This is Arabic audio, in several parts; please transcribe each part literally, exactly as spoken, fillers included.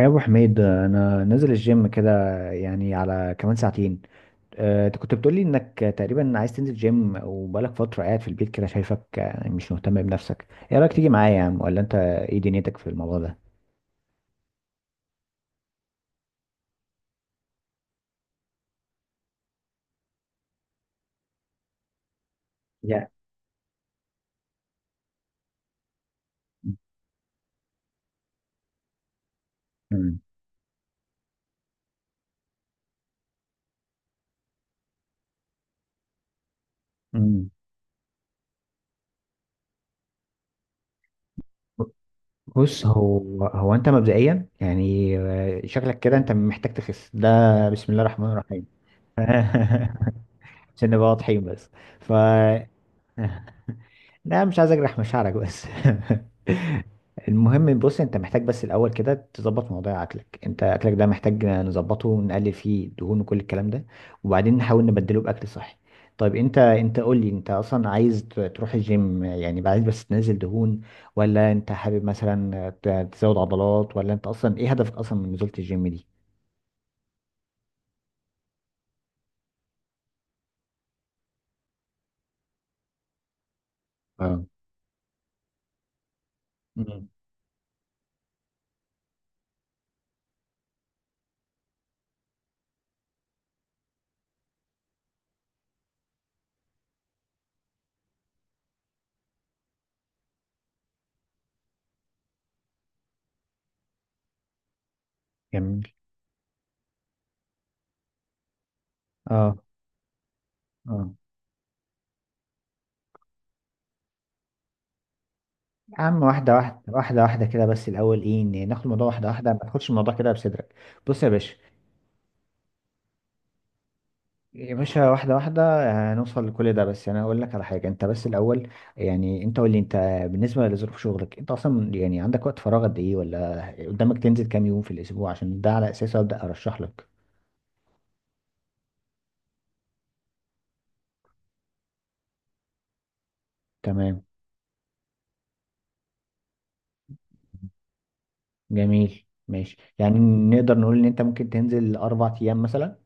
يا ابو حميد انا نازل الجيم كده، يعني على كمان ساعتين. آه، انت كنت بتقولي انك تقريبا عايز تنزل جيم وبقالك فتره قاعد في البيت كده، شايفك آه، مش مهتم بنفسك. ايه رايك تيجي معايا يا عم، ولا انت ايه دنيتك في الموضوع ده؟ يا مم. مم. بص، هو هو انت مبدئيا يعني، آه، شكلك كده انت محتاج تخس ده. بسم الله الرحمن الرحيم. عشان نبقى واضحين بس. ف لا، مش عايز اجرح مشاعرك بس. المهم، بص انت محتاج بس الاول كده تظبط موضوع اكلك. انت اكلك ده محتاج نظبطه، نقلل فيه الدهون وكل الكلام ده. وبعدين نحاول نبدله باكل صحي. طيب، انت انت قول لي، انت اصلا عايز ت- تروح الجيم يعني عايز بس تنزل دهون، ولا انت حابب مثلا ت- تزود عضلات، ولا انت اصلا ايه هدفك اصلا من نزولة الجيم دي؟ اه. مم. جميل. اه. اه. يا عم واحدة واحدة، واحدة واحدة كده بس الأول، إيه إن ناخد الموضوع واحدة واحدة، ما تاخدش الموضوع كده بصدرك. بص يا باشا. يا باشا، واحدة واحدة. هنوصل لكل ده، بس أنا هقول لك على حاجة أنت بس الأول. يعني أنت قول لي أنت، بالنسبة لظروف شغلك أنت أصلا، يعني عندك وقت فراغ قد إيه؟ ولا قدامك تنزل كام يوم في الأسبوع؟ عشان ده على أساسه أبدأ أرشح لك. تمام. جميل. ماشي، يعني نقدر نقول إن أنت ممكن تنزل أربع أيام مثلا.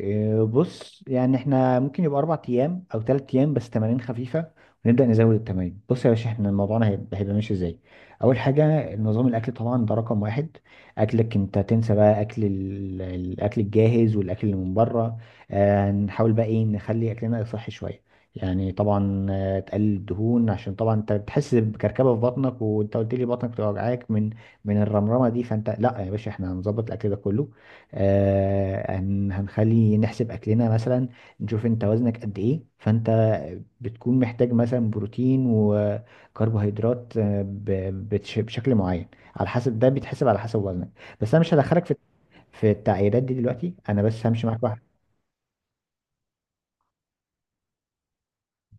إيه، بص يعني احنا ممكن يبقى اربع ايام او ثلاث ايام بس تمارين خفيفه، ونبدا نزود التمارين. بص يا باشا، احنا موضوعنا هيبقى هيبقى ماشي ازاي. اول حاجه، نظام الاكل، طبعا ده رقم واحد. اكلك، انت تنسى بقى اكل ال- الاكل الجاهز والاكل اللي من بره. آه نحاول بقى ايه، نخلي اكلنا صحي شويه. يعني طبعا، آه، تقلل الدهون عشان طبعا انت بتحس بكركبه في بطنك، وانت قلت لي بطنك بتوجعك من من الرمرمه دي. فانت لا يا باشا، احنا هنظبط الاكل ده كله. آه، هن- هنخلي نحسب اكلنا مثلا، نشوف انت وزنك قد ايه. فانت بتكون محتاج مثلا بروتين وكربوهيدرات آه، ب- بتش- بشكل معين، على حسب. ده بيتحسب على حسب وزنك. بس انا مش هدخلك في في التعييرات دي دلوقتي، انا بس همشي معاك واحد.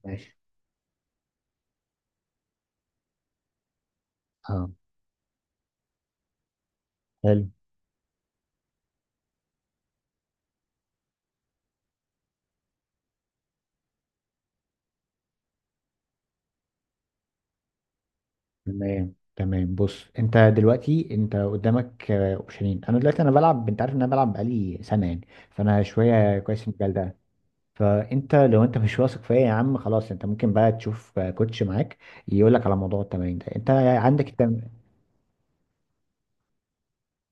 ماشي. اه. حلو. تمام تمام بص انت دلوقتي انت قدامك، آه، اوبشنين. انا دلوقتي انا بلعب، انت عارف ان انا بلعب بقالي سنه، يعني فانا شويه كويس في المجال ده. فانت لو انت مش واثق فيا يا عم، خلاص انت ممكن بقى تشوف آه، كوتش معاك يقول لك على موضوع التمارين ده. انت عندك التم...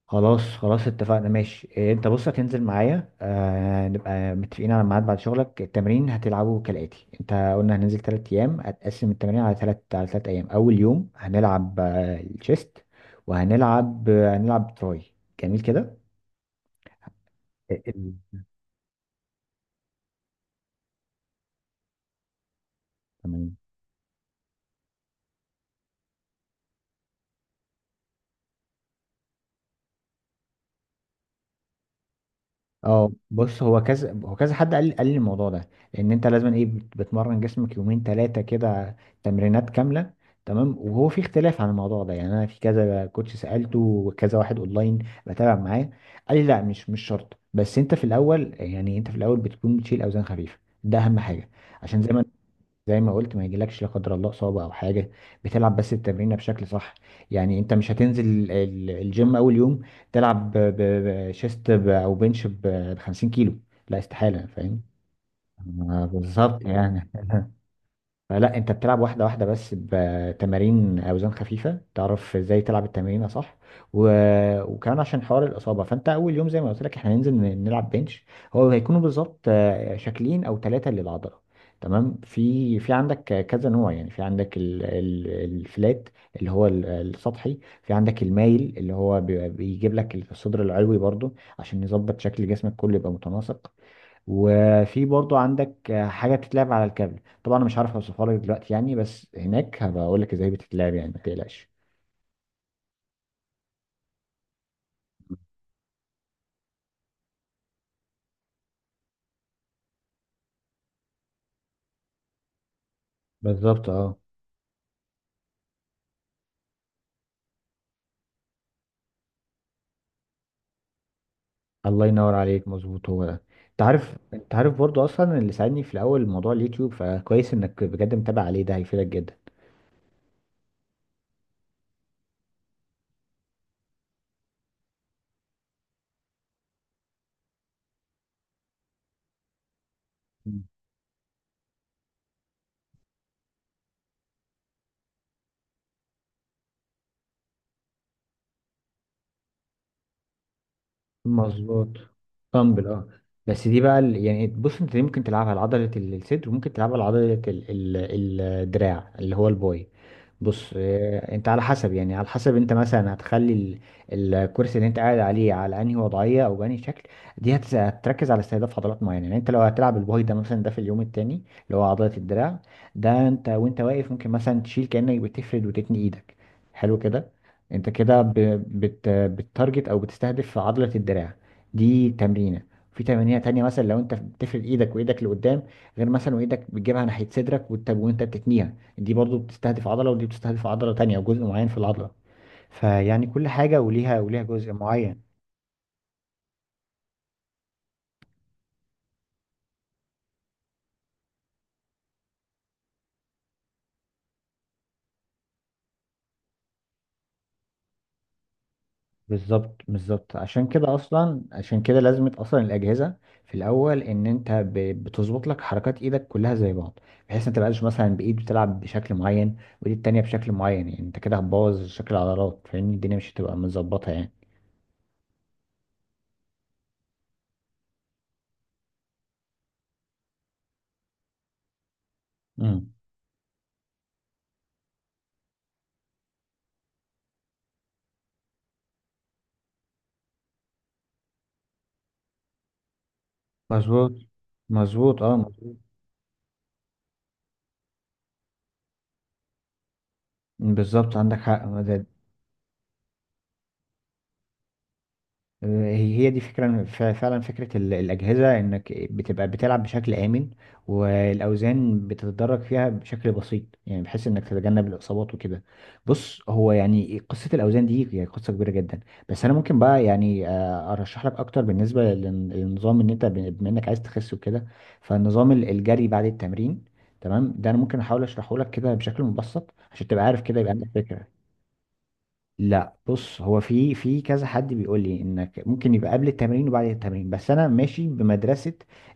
خلاص خلاص اتفقنا. ماشي. إيه، انت بص هتنزل معايا، آه نبقى متفقين على ميعاد بعد شغلك. التمرين هتلعبه كالاتي، انت قلنا هننزل تلات ايام، هتقسم التمارين على تلات على تلات ايام. اول يوم هنلعب، آه، الشيست، وهنلعب، آه، هنلعب تراي. جميل كده. ال- تمام. اه، بص هو كذا، هو كذا حد قال قال لي الموضوع ده، لان انت لازم ايه، بت- بتمرن جسمك يومين ثلاثه كده، تمرينات كامله. تمام. وهو في اختلاف عن الموضوع ده يعني؟ انا في كذا كوتش سالته، وكذا واحد اونلاين بتابع معاه، قال لي لا، مش مش شرط، بس انت في الاول، يعني انت في الاول بتكون بتشيل اوزان خفيفه. ده اهم حاجه، عشان زي ما زي ما قلت، ما يجيلكش لا قدر الله اصابه او حاجه. بتلعب بس التمرين بشكل صح. يعني انت مش هتنزل ال- الجيم اول يوم، تلعب بشيست او بنش ب خمسين كيلو. لا استحاله، فاهم؟ آه، بالظبط يعني. آه، لا، انت بتلعب واحدة واحدة بس بتمارين اوزان خفيفة، تعرف ازاي تلعب التمرين صح. و... وكمان عشان حوار الاصابة، فانت اول يوم زي ما قلت لك احنا هننزل ن- نلعب بنش. هو هيكونوا بالظبط، آه، شكلين او ثلاثة للعضلة. تمام. في في عندك كذا نوع، يعني في عندك ال... ال... الفلات، اللي هو ال- السطحي، في عندك المايل اللي هو بي- بيجيب لك الصدر العلوي برضو، عشان يظبط شكل جسمك كله يبقى متناسق. وفي برضو عندك، آه، حاجة بتتلعب على الكابل. طبعا انا مش عارف اوصفها لك دلوقتي يعني، بس هناك هبقى اقول لك ازاي بتتلعب، يعني ما تقلقش. بالظبط اه. الله ينور عليك، مظبوط هو ده. انت عارف انت عارف برضو اصلا، اللي ساعدني في الاول موضوع اليوتيوب، فكويس انك بجد متابع عليه، ده هيفيدك جدا. مم. مظبوط. دمبل اه. بس دي بقى، ال- يعني بص انت دي ممكن تلعبها على عضلة ال- الصدر، وممكن تلعبها على عضلة ال- ال- الدراع اللي هو الباي. بص، آه، انت على حسب، يعني على حسب انت مثلا هتخلي ال- الكرسي اللي انت قاعد عليه على انهي وضعيه او بانهي شكل. دي هتس- هتركز على استهداف عضلات معينه. يعني انت لو هتلعب الباي ده مثلا، ده في اليوم التاني، اللي هو عضله الدراع، ده انت وانت واقف ممكن مثلا تشيل كانك بتفرد وتتني ايدك. حلو كده. انت كده ب- بت بتارجت او بتستهدف عضله الدراع، دي تمرينه. في تمارين تانية مثلا لو انت بتفرد ايدك وايدك لقدام، غير مثلا وايدك بتجيبها ناحيه صدرك وانت وانت بتتنيها. دي برضو بتستهدف عضلة، ودي بتستهدف عضلة تانية وجزء معين في العضلة. فيعني كل حاجة وليها وليها جزء معين. بالظبط، بالظبط. عشان كده أصلا، عشان كده لازمة أصلا الأجهزة في الأول، إن أنت ب- بتظبط لك حركات إيدك كلها زي بعض، بحيث أنت متبقاش مثلا بإيد بتلعب بشكل معين وإيد التانية بشكل معين، يعني أنت كده هتبوظ شكل العضلات، فاهمني؟ الدنيا مش هتبقى متظبطة يعني. امم. مظبوط، مظبوط، اه، مظبوط. بالظبط، عندك حق. هي، هي دي فكرة ف- فعلا، فكرة ال- الأجهزة إنك بتبقى بتلعب بشكل آمن، والأوزان بتتدرج فيها بشكل بسيط، يعني بحيث إنك تتجنب الإصابات وكده. بص هو يعني، قصة الأوزان دي هي قصة كبيرة جدا، بس أنا ممكن بقى يعني، آه، أرشح لك أكتر بالنسبة للن- للنظام. إن أنت ب- بما إنك عايز تخس وكده، فالنظام، ال- الجري بعد التمرين، تمام، ده أنا ممكن أحاول أشرحه لك كده بشكل مبسط عشان تبقى عارف كده، يبقى عندك فكرة. لا، بص هو في في كذا حد بيقول لي انك ممكن يبقى قبل التمرين وبعد التمرين، بس انا ماشي بمدرسة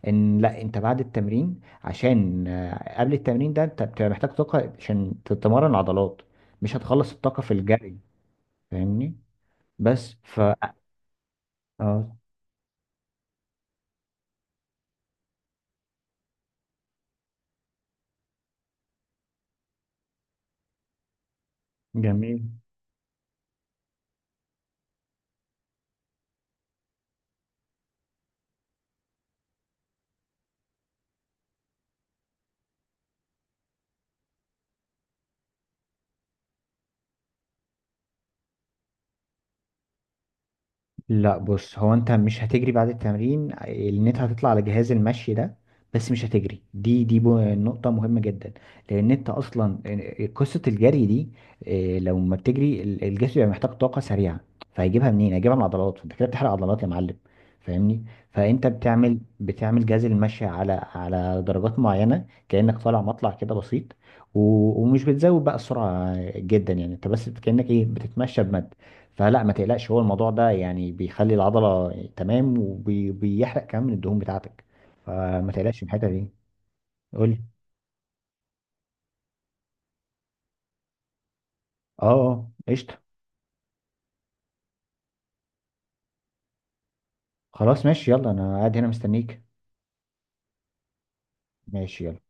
ان لا، انت بعد التمرين، عشان آه، قبل التمرين ده انت بتبقى محتاج طاقة عشان تتمرن عضلات، مش هتخلص الطاقة في الجري، فاهمني؟ بس ف اه. جميل. لا، بص هو انت مش هتجري بعد التمرين، لان انت هتطلع على جهاز المشي ده، بس مش هتجري. دي دي بو- نقطة مهمة جدا، لان انت اصلا، قصة الجري دي، اه، لو ما بتجري ال- الجسم بيبقى محتاج طاقة سريعة، فهيجيبها منين؟ هيجيبها من العضلات، فانت كده بتحرق عضلات يا معلم، فاهمني؟ فانت بتعمل، بتعمل جهاز المشي على على درجات معينة كأنك طالع، مطلع كده بسيط، و- ومش بتزود بقى السرعة جدا، يعني انت بس كأنك ايه، بتتمشى بمد. فلا، ما تقلقش، هو الموضوع ده يعني بيخلي العضلة تمام، وبيحرق كمان من الدهون بتاعتك، فما تقلقش من الحتة دي. قول لي. اه، اه، قشطة. خلاص ماشي، يلا انا قاعد هنا مستنيك. ماشي يلا.